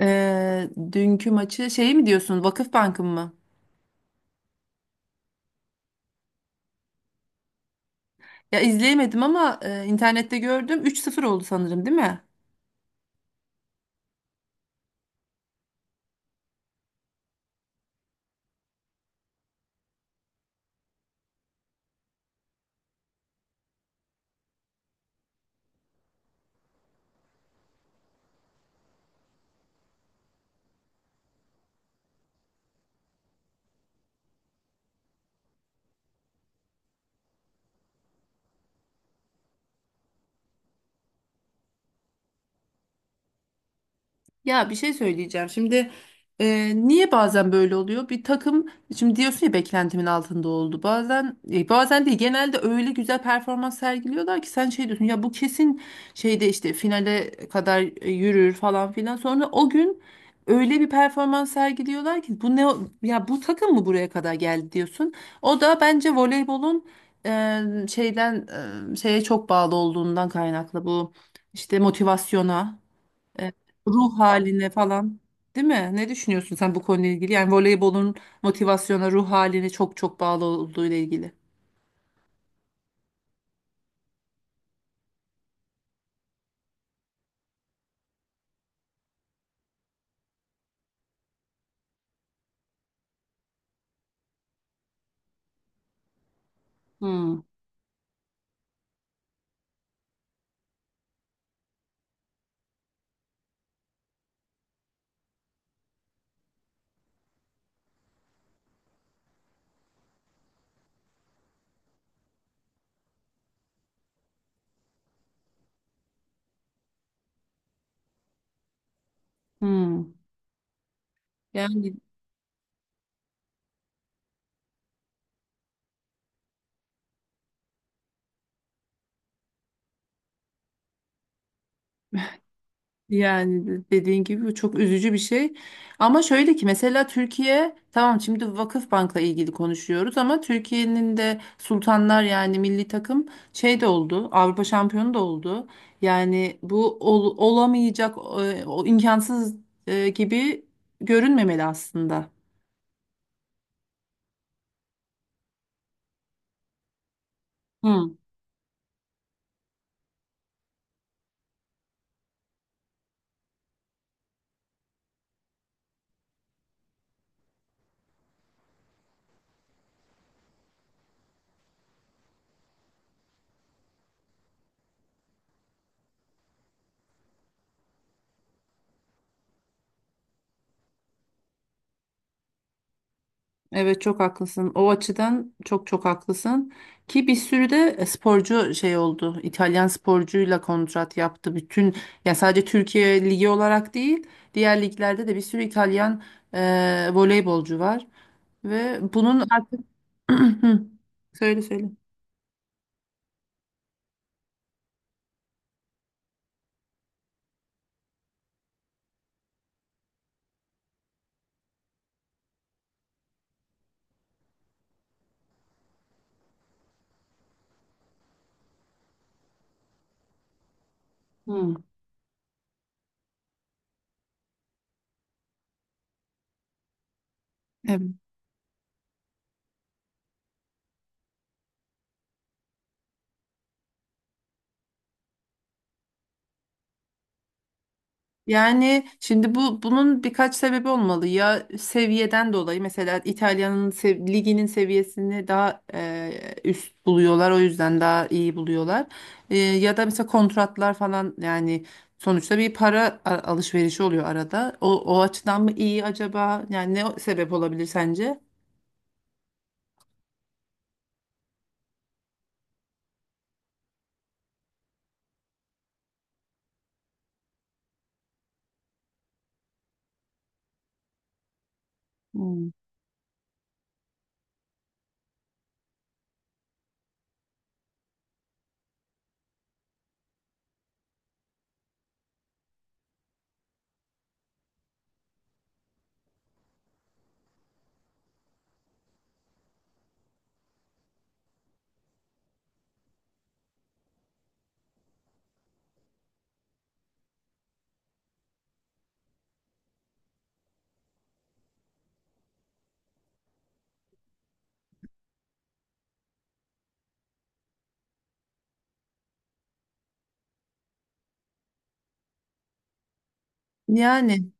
Dünkü maçı şey mi diyorsun? Vakıfbank'ın mı? Ya izleyemedim ama internette gördüm. 3-0 oldu sanırım, değil mi? Ya, bir şey söyleyeceğim. Şimdi niye bazen böyle oluyor? Bir takım, şimdi diyorsun ya beklentimin altında oldu. Bazen bazen değil, genelde öyle güzel performans sergiliyorlar ki sen şey diyorsun ya, bu kesin şeyde işte finale kadar yürür falan filan. Sonra o gün öyle bir performans sergiliyorlar ki bu ya bu takım mı buraya kadar geldi diyorsun. O da bence voleybolun e, şeyden şeye çok bağlı olduğundan kaynaklı, bu işte motivasyona, e, ruh haline falan. Değil mi? Ne düşünüyorsun sen bu konuyla ilgili? Yani voleybolun motivasyona, ruh haline çok çok bağlı olduğu ile ilgili. Hmm. Hmm. Yani yani dediğin gibi bu çok üzücü bir şey. Ama şöyle ki, mesela Türkiye, tamam, şimdi Vakıfbank'la ilgili konuşuyoruz ama Türkiye'nin de Sultanlar, yani milli takım şey de oldu. Avrupa şampiyonu da oldu. Yani bu olamayacak, o imkansız gibi görünmemeli aslında. Hı, evet çok haklısın. O açıdan çok çok haklısın. Ki bir sürü de sporcu şey oldu. İtalyan sporcuyla kontrat yaptı. Bütün, ya, sadece Türkiye ligi olarak değil, diğer liglerde de bir sürü İtalyan voleybolcu var ve bunun artık... Hı, söyle söyle. Hmm. Yani şimdi bu, bunun birkaç sebebi olmalı. Ya seviyeden dolayı, mesela İtalya'nın liginin seviyesini daha üst buluyorlar. O yüzden daha iyi buluyorlar. Ya da mesela kontratlar falan, yani sonuçta bir para alışverişi oluyor arada. O açıdan mı iyi acaba? Yani ne sebep olabilir sence? Hmm. Yani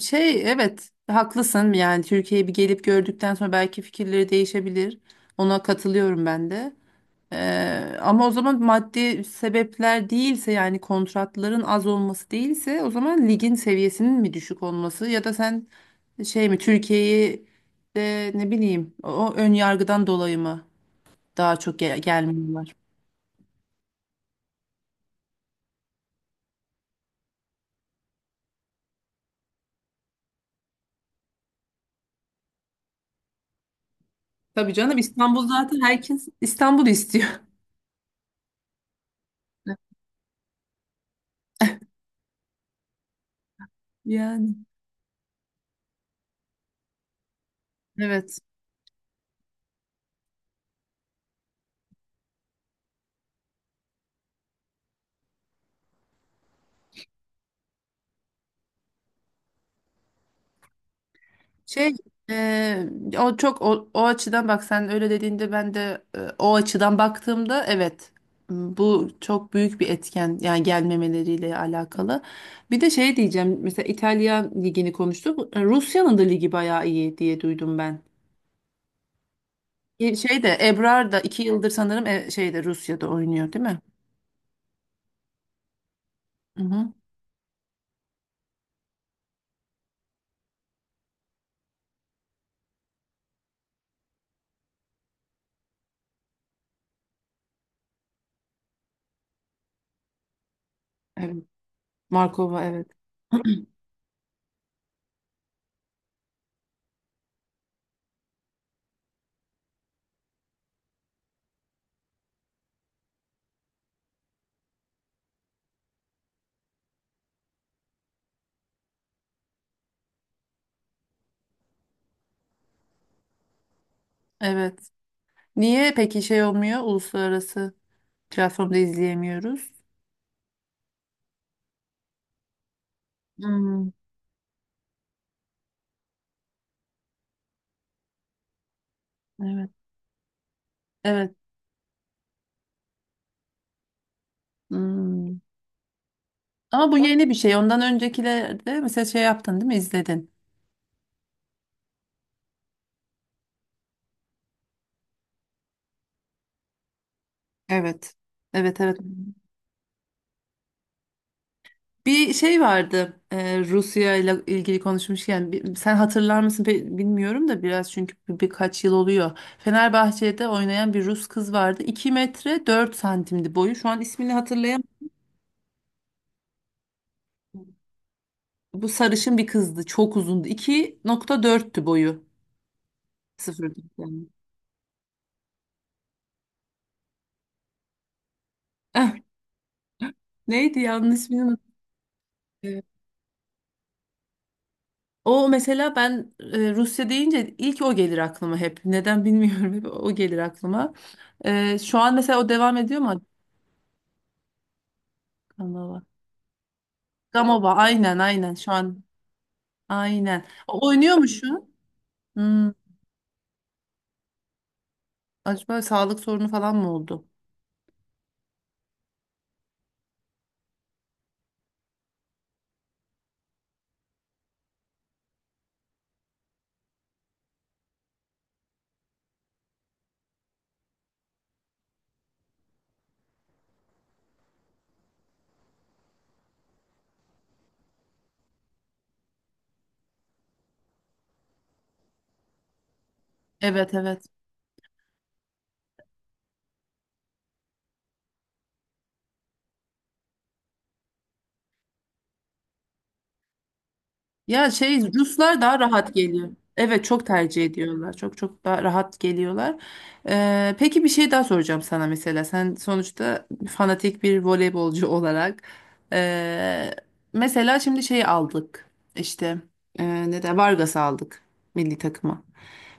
şey, evet haklısın. Yani Türkiye'yi bir gelip gördükten sonra belki fikirleri değişebilir. Ona katılıyorum ben de. Ama o zaman maddi sebepler değilse, yani kontratların az olması değilse, o zaman ligin seviyesinin mi düşük olması, ya da sen şey mi Türkiye'yi de ne bileyim o ön yargıdan dolayı mı daha çok gelmiyorlar? Tabii canım, İstanbul, zaten herkes İstanbul istiyor. Yani. Evet. Şey, e, o çok, o açıdan bak, sen öyle dediğinde ben de o açıdan baktığımda, evet, bu çok büyük bir etken yani gelmemeleriyle alakalı. Bir de şey diyeceğim, mesela İtalya ligini konuştuk. Rusya'nın da ligi bayağı iyi diye duydum ben. Şey de, Ebrar da 2 yıldır sanırım şeyde, Rusya'da oynuyor değil mi? Hı hı. Evet. Markova, evet. Evet. Niye peki şey olmuyor, uluslararası platformda izleyemiyoruz? Hmm, evet. Evet. Hmm. Ama bu yeni bir şey. Ondan öncekilerde mesela şey yaptın, değil mi? İzledin. Evet. Evet, evet. Bir şey vardı. Rusya ile ilgili konuşmuşken, sen hatırlar mısın, bilmiyorum da biraz çünkü birkaç yıl oluyor. Fenerbahçe'de oynayan bir Rus kız vardı. 2 metre 4 santimdi boyu. Şu an ismini hatırlayamıyorum. Bu sarışın bir kızdı. Çok uzundu. 2.4'tü boyu. Sıfır. Yani. Eh, neydi, yanlış, ismini unuttum. O, mesela ben Rusya deyince ilk o gelir aklıma hep. Neden bilmiyorum, hep o gelir aklıma. Şu an mesela o devam ediyor mu? Gamova. Gamova, aynen aynen, şu an aynen. O oynuyor mu şu an? Hmm, acaba sağlık sorunu falan mı oldu? Evet, evet. Ya şey, Ruslar daha rahat geliyor. Evet, çok tercih ediyorlar. Çok çok daha rahat geliyorlar. Peki bir şey daha soracağım sana, mesela. Sen sonuçta fanatik bir voleybolcu olarak. ee, mesela şimdi şeyi aldık. İşte ne de Vargas'ı aldık milli takıma.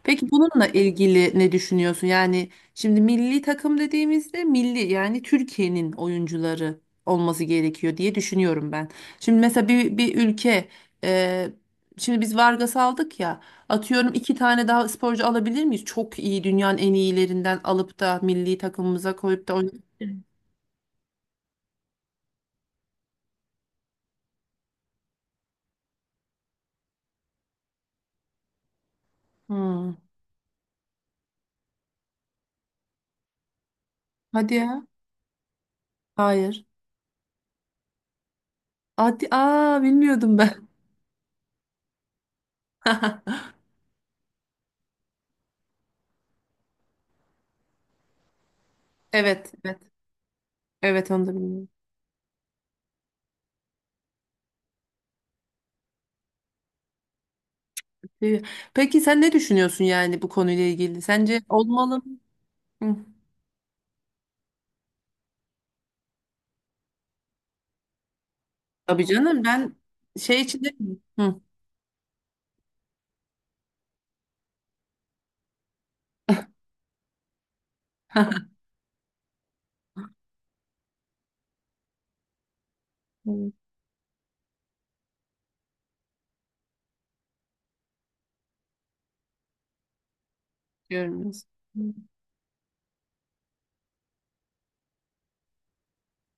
Peki bununla ilgili ne düşünüyorsun? Yani şimdi milli takım dediğimizde milli, yani Türkiye'nin oyuncuları olması gerekiyor diye düşünüyorum ben. Şimdi mesela bir ülke, e, şimdi biz Vargas'ı aldık ya, atıyorum iki tane daha sporcu alabilir miyiz? Çok iyi, dünyanın en iyilerinden alıp da milli takımımıza koyup da... Hmm. Hadi ya. Hayır. Hadi, aa, bilmiyordum ben. Evet, evet. Evet, onu da bilmiyordum. Ee, Peki sen ne düşünüyorsun yani bu konuyla ilgili? Sence olmalı mı? Hı. Tabii canım, ben şey için de... Hı. Evet. Görmüyoruz. Hı.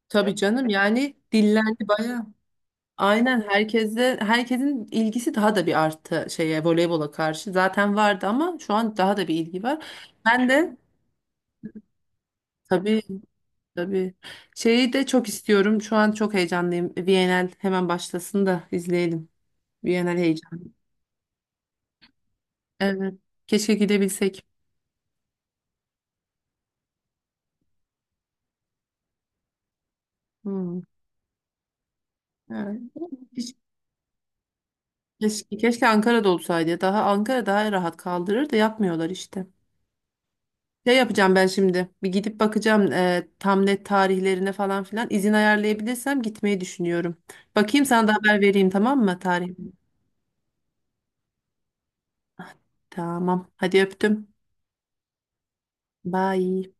Tabii canım, yani dillendi bayağı. Aynen, herkesin ilgisi daha da bir arttı şeye, voleybola karşı. Zaten vardı ama şu an daha da bir ilgi var. Ben de, tabii tabii, şeyi de çok istiyorum. Şu an çok heyecanlıyım. VNL hemen başlasın da izleyelim. VNL heyecanı. Evet. Keşke gidebilsek. Hı. Ha, hiç- Keşke, keşke Ankara'da olsaydı, ya. Daha, Ankara daha rahat kaldırır da yapmıyorlar işte. Şey yapacağım ben şimdi. Bir gidip bakacağım, tam net tarihlerine falan filan. İzin ayarlayabilirsem gitmeyi düşünüyorum. Bakayım, sana da haber vereyim, tamam mı, tarih? Tamam. Hadi öptüm. Bye.